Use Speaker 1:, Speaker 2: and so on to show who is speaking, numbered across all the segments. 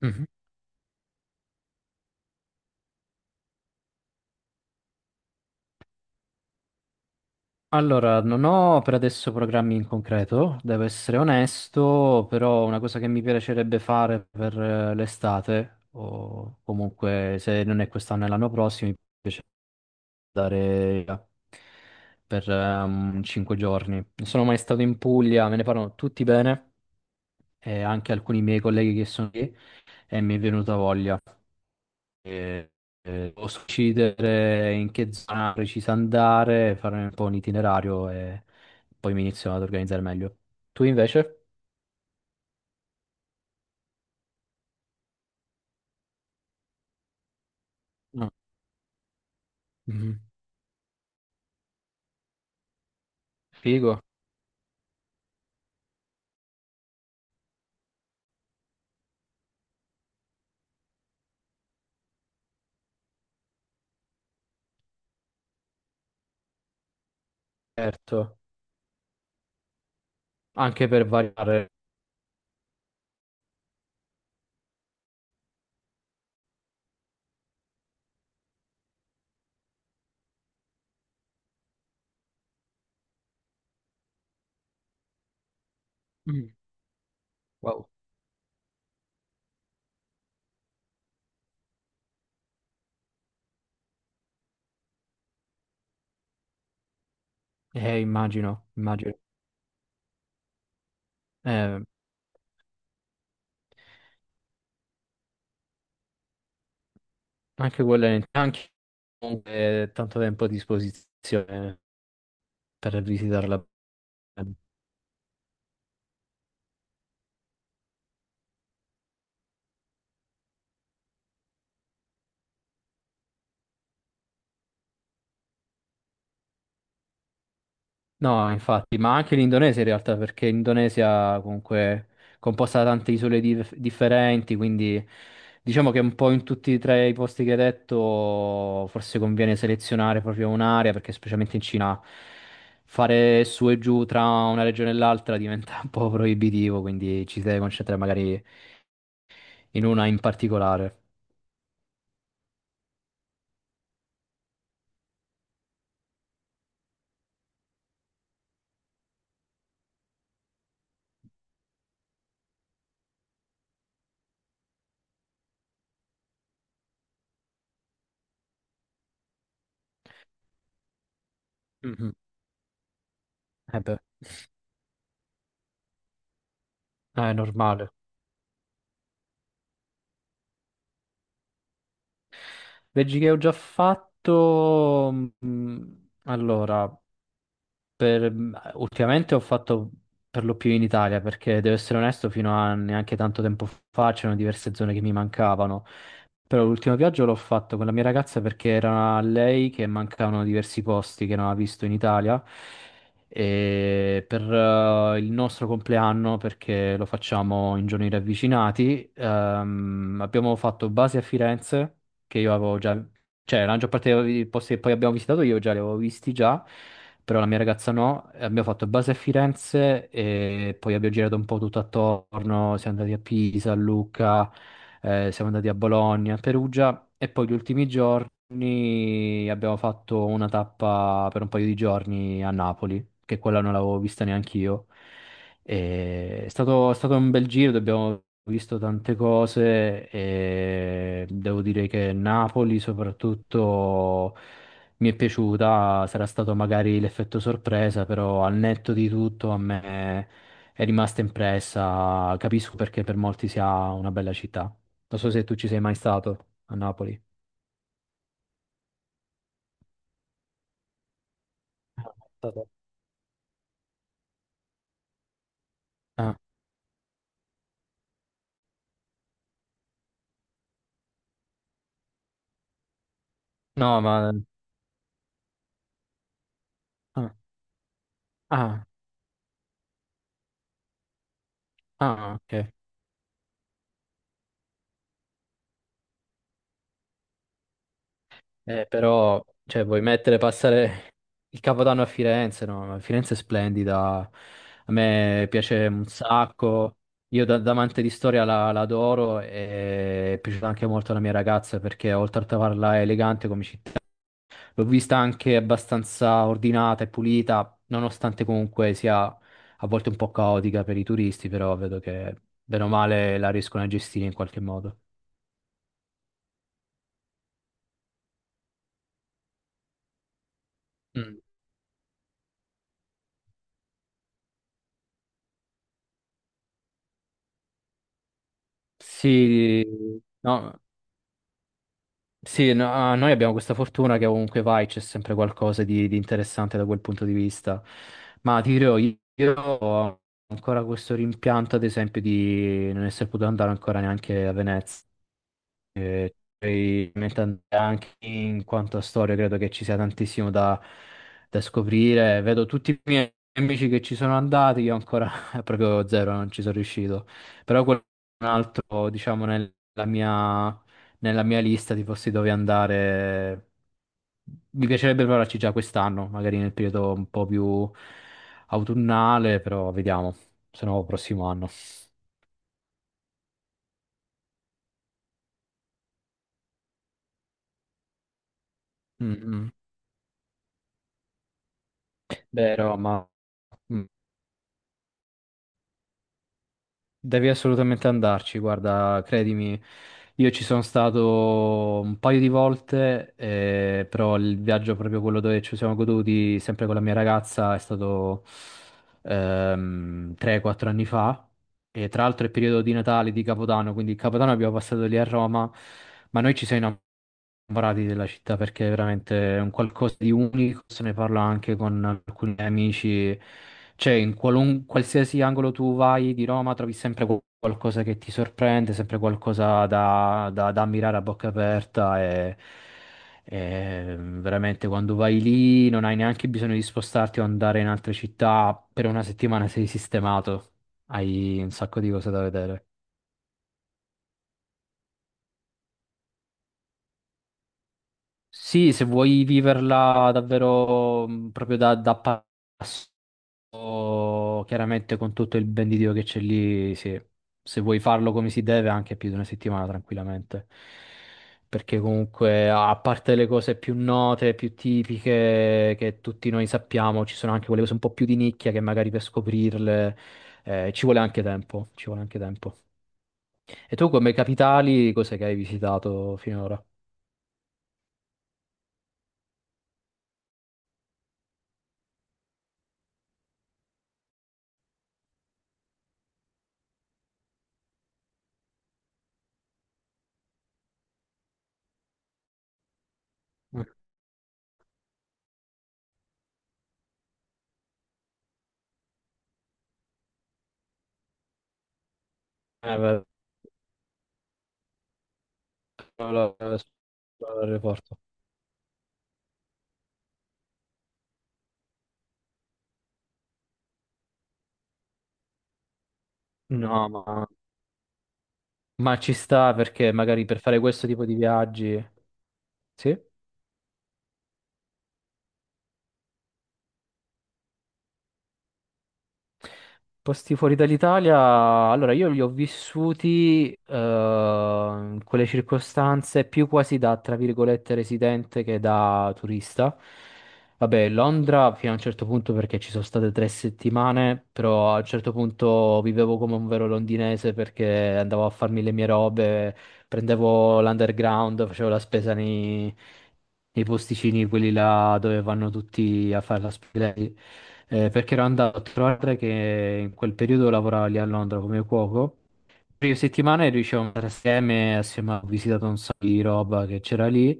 Speaker 1: Mhm. Allora, non ho per adesso programmi in concreto, devo essere onesto, però una cosa che mi piacerebbe fare per l'estate, o comunque se non è quest'anno e l'anno prossimo, mi piace andare via per 5 giorni. Non sono mai stato in Puglia, me ne parlano tutti bene, e anche alcuni miei colleghi che sono lì, e mi è venuta voglia. eh, Posso decidere in che zona precisa andare, fare un po' un itinerario e poi mi inizio ad organizzare meglio. Tu invece? No. Mhm. Figo, certo, anche per variare. Mm. Wow. Immagino, immagino. Eh, anche quello è anche comunque tanto tempo a disposizione per visitarla. No, infatti, ma anche l'Indonesia in realtà, perché l'Indonesia comunque è composta da tante isole differenti, quindi diciamo che un po' in tutti e tre i posti che hai detto forse conviene selezionare proprio un'area, perché specialmente in Cina fare su e giù tra una regione e l'altra diventa un po' proibitivo, quindi ci si deve concentrare magari in una in particolare. Mhm. Eh beh, è normale. Veggi che ho già fatto. mm, Allora. Ultimamente ho fatto per lo più in Italia, perché devo essere onesto, fino a neanche tanto tempo fa c'erano diverse zone che mi mancavano. Però l'ultimo viaggio l'ho fatto con la mia ragazza perché era a lei che mancavano diversi posti che non ha visto in Italia. E per il nostro compleanno, perché lo facciamo in giorni ravvicinati, abbiamo fatto base a Firenze, che io avevo già, cioè, la maggior parte dei posti che poi abbiamo visitato io già li avevo visti già, però la mia ragazza no. E abbiamo fatto base a Firenze e poi abbiamo girato un po' tutto attorno. Siamo andati a Pisa, a Lucca, siamo andati a Bologna, a Perugia e poi gli ultimi giorni abbiamo fatto una tappa per un paio di giorni a Napoli, che quella non l'avevo vista neanche io. E è stato un bel giro, abbiamo visto tante cose e devo dire che Napoli soprattutto mi è piaciuta, sarà stato magari l'effetto sorpresa, però al netto di tutto a me è rimasta impressa, capisco perché per molti sia una bella città. Non so se tu ci sei mai stato a Napoli. È stato- Ah, no, ma... Ah, ah, ah, ok. Però, cioè, vuoi mettere, passare il Capodanno a Firenze, no? Firenze è splendida, a me piace un sacco, io da amante di storia la adoro e è piaciuta anche molto alla mia ragazza perché oltre a trovarla elegante come città, l'ho vista anche abbastanza ordinata e pulita, nonostante comunque sia a volte un po' caotica per i turisti, però vedo che bene o male la riescono a gestire in qualche modo. Mm. Sì, no, Sì, ah, noi abbiamo questa fortuna che ovunque vai c'è sempre qualcosa di interessante da quel punto di vista. Ma ti dirò, io ho ancora questo rimpianto, ad esempio, di non essere potuto andare ancora neanche a Venezia. Poi, mentre anche in quanto a storia credo che ci sia tantissimo da scoprire. Vedo tutti i miei amici che ci sono andati, io ancora proprio zero, non ci sono riuscito. Però un altro, diciamo, mia, nella mia lista di posti dove andare, mi piacerebbe provarci già quest'anno, magari nel periodo un po' più autunnale, però vediamo, se no prossimo anno. Mm, mm. Beh, Roma. Mm. Devi assolutamente andarci, guarda, credimi, io ci sono stato un paio di volte, però il viaggio proprio quello dove ci siamo goduti sempre con la mia ragazza è stato 3-4 anni fa e tra l'altro è periodo di Natale, di Capodanno, quindi il Capodanno abbiamo passato lì a Roma, ma noi ci siamo parati della città perché è veramente un qualcosa di unico, se ne parla anche con alcuni amici, cioè in qualsiasi angolo tu vai di Roma trovi sempre qualcosa che ti sorprende, sempre qualcosa da ammirare a bocca aperta e veramente quando vai lì non hai neanche bisogno di spostarti o andare in altre città, per una settimana sei sistemato, hai un sacco di cose da vedere. Sì, se vuoi viverla davvero proprio da passo, chiaramente con tutto il ben di Dio che c'è lì, sì. Se vuoi farlo come si deve, anche più di una settimana tranquillamente. Perché comunque, a parte le cose più note, più tipiche che tutti noi sappiamo, ci sono anche quelle cose un po' più di nicchia che magari per scoprirle, ci vuole anche tempo, ci vuole anche tempo. E tu come capitali, cos'è che hai visitato finora? Mm. Beh, la- la- l'aeroporto. No, ma... ci sta perché magari per fare questo tipo di viaggi, sì. Posti fuori dall'Italia, allora io li ho vissuti in quelle circostanze più quasi da, tra virgolette, residente che da turista. Vabbè, Londra fino a un certo punto perché ci sono state 3 settimane, però a un certo punto vivevo come un vero londinese perché andavo a farmi le mie robe, prendevo l'underground, facevo la spesa nei posticini, quelli là dove vanno tutti a fare la spesa. Perché ero andato a trovare che in quel periodo lavoravo lì a Londra come cuoco, prime settimane riuscivamo a stare assieme, assieme ho visitato un sacco di roba che c'era lì,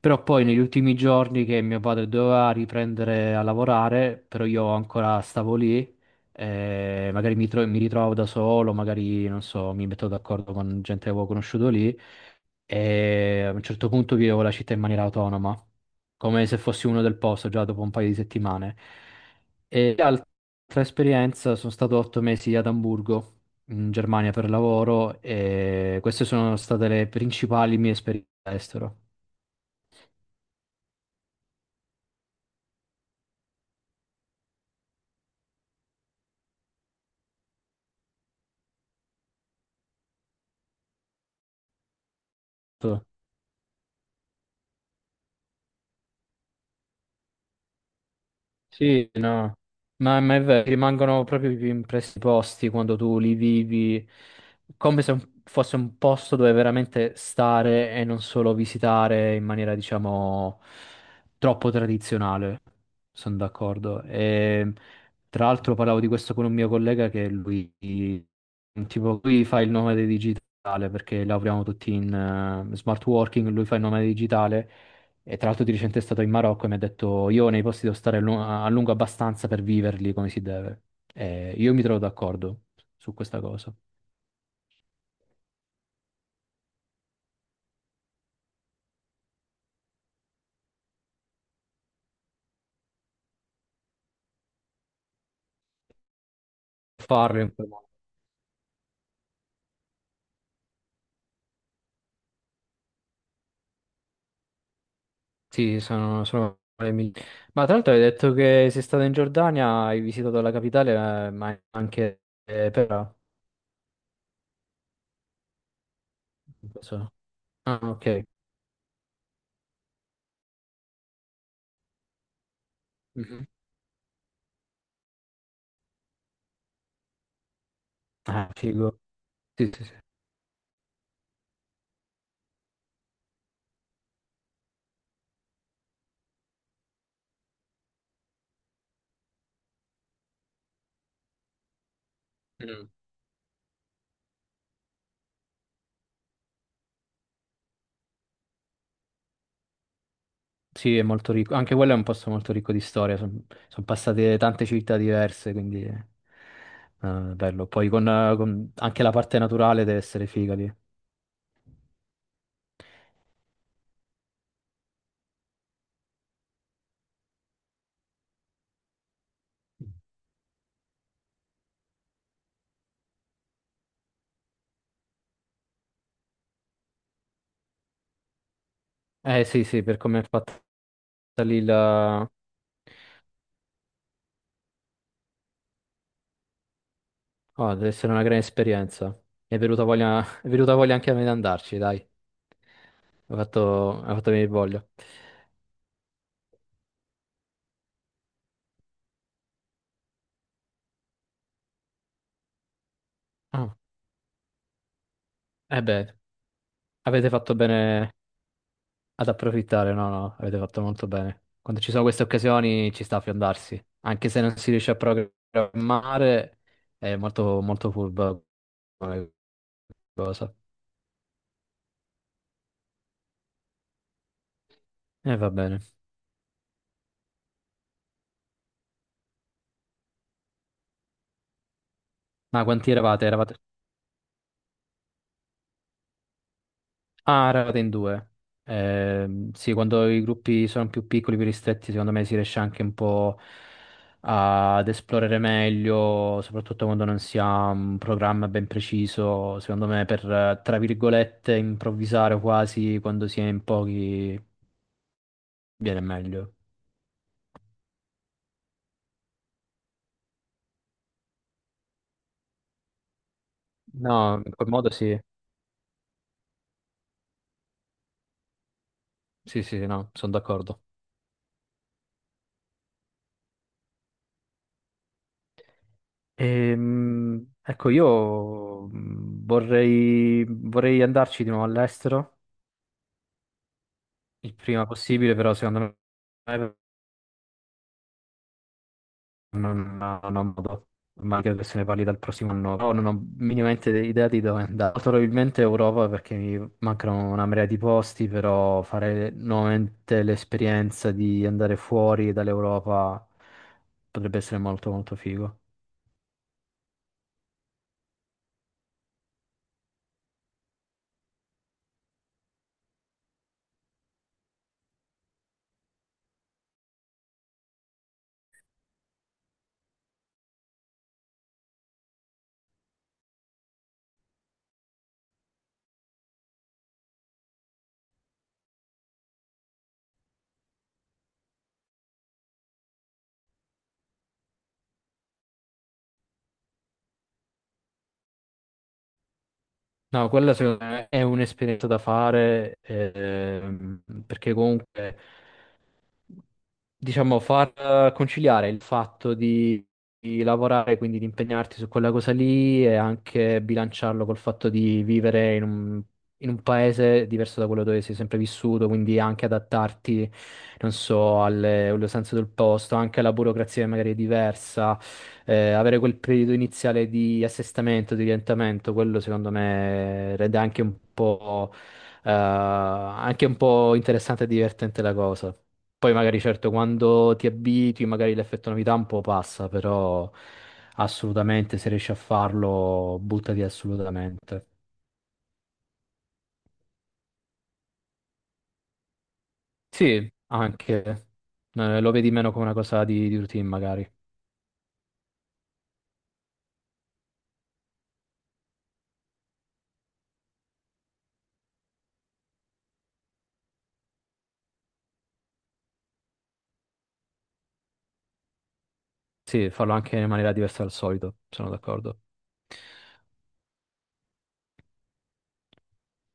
Speaker 1: però poi negli ultimi giorni che mio padre doveva riprendere a lavorare, però io ancora stavo lì, magari mi ritrovavo da solo, magari non so, mi metto d'accordo con gente che avevo conosciuto lì e a un certo punto vivevo la città in maniera autonoma, come se fossi uno del posto già dopo un paio di settimane. E l'altra esperienza sono stato 8 mesi ad Amburgo in Germania per lavoro e queste sono state le principali mie esperienze all'estero. Tu? Sì, no, ma è vero, rimangono proprio più impressi i posti quando tu li vivi, come se fosse un posto dove veramente stare e non solo visitare in maniera, diciamo, troppo tradizionale. Sono d'accordo. E, tra l'altro parlavo di questo con un mio collega che lui, tipo, lui fa il nomade digitale perché lavoriamo tutti in smart working, lui fa il nomade digitale e tra l'altro di recente è stato in Marocco e mi ha detto io nei posti devo stare a a lungo abbastanza per viverli come si deve. E io mi trovo d'accordo su questa cosa. Farlo in quel modo. Sì, sono le migliori. Ma tra l'altro hai detto che sei stato in Giordania, hai visitato la capitale, ma anche Pera. Non so. Ah, ok. Mhm. Ah, figo. Sì, sì, sì. Mm. Sì, è molto ricco. Anche quello è un posto molto ricco di storia. Sono passate tante città diverse, quindi bello. Poi anche la parte naturale deve essere figa lì. Eh sì, sì, per come è fatta lì la... oh, deve essere una gran esperienza. Mi è venuta voglia, è venuta voglia anche a me di andarci, dai. Ha fatto venire voglia. Ah, eh beh, avete fatto bene ad approfittare, no, no, avete fatto molto bene. Quando ci sono queste occasioni ci sta a fiondarsi, anche se non si riesce a programmare, è molto, molto furbo come cosa. E va bene. Ma quanti eravate? Ah, Raten 2. Sì, quando i gruppi sono più piccoli, più ristretti, secondo me si riesce anche un po' ad esplorare meglio, soprattutto quando non si ha un programma ben preciso. Secondo me, per, tra virgolette, improvvisare quasi quando si è in pochi viene meglio. No, in quel modo sì. Sì, sì, sì, no, sono d'accordo. Ecco, io vorrei andarci di nuovo all'estero. Il prima possibile, però secondo me non ho modo, ma credo che se ne parli dal prossimo anno, però non ho minimamente idea di dove andare. Molto probabilmente Europa perché mi mancano una marea di posti, però fare nuovamente l'esperienza di andare fuori dall'Europa potrebbe essere molto molto figo. No, quella secondo me è un'esperienza da fare perché comunque diciamo, far conciliare il fatto di lavorare, quindi di impegnarti su quella cosa lì e anche bilanciarlo col fatto di vivere in un, paese diverso da quello dove sei sempre vissuto, quindi anche adattarti, non so, alle usanze del posto, anche alla burocrazia che magari è diversa, avere quel periodo iniziale di assestamento, di orientamento, quello secondo me rende anche un po' interessante e divertente la cosa. Poi magari certo quando ti abitui magari l'effetto novità un po' passa, però assolutamente se riesci a farlo buttati assolutamente. Sì, anche lo vedi meno come una cosa di routine magari. Sì, farlo anche in maniera diversa dal solito, sono d'accordo.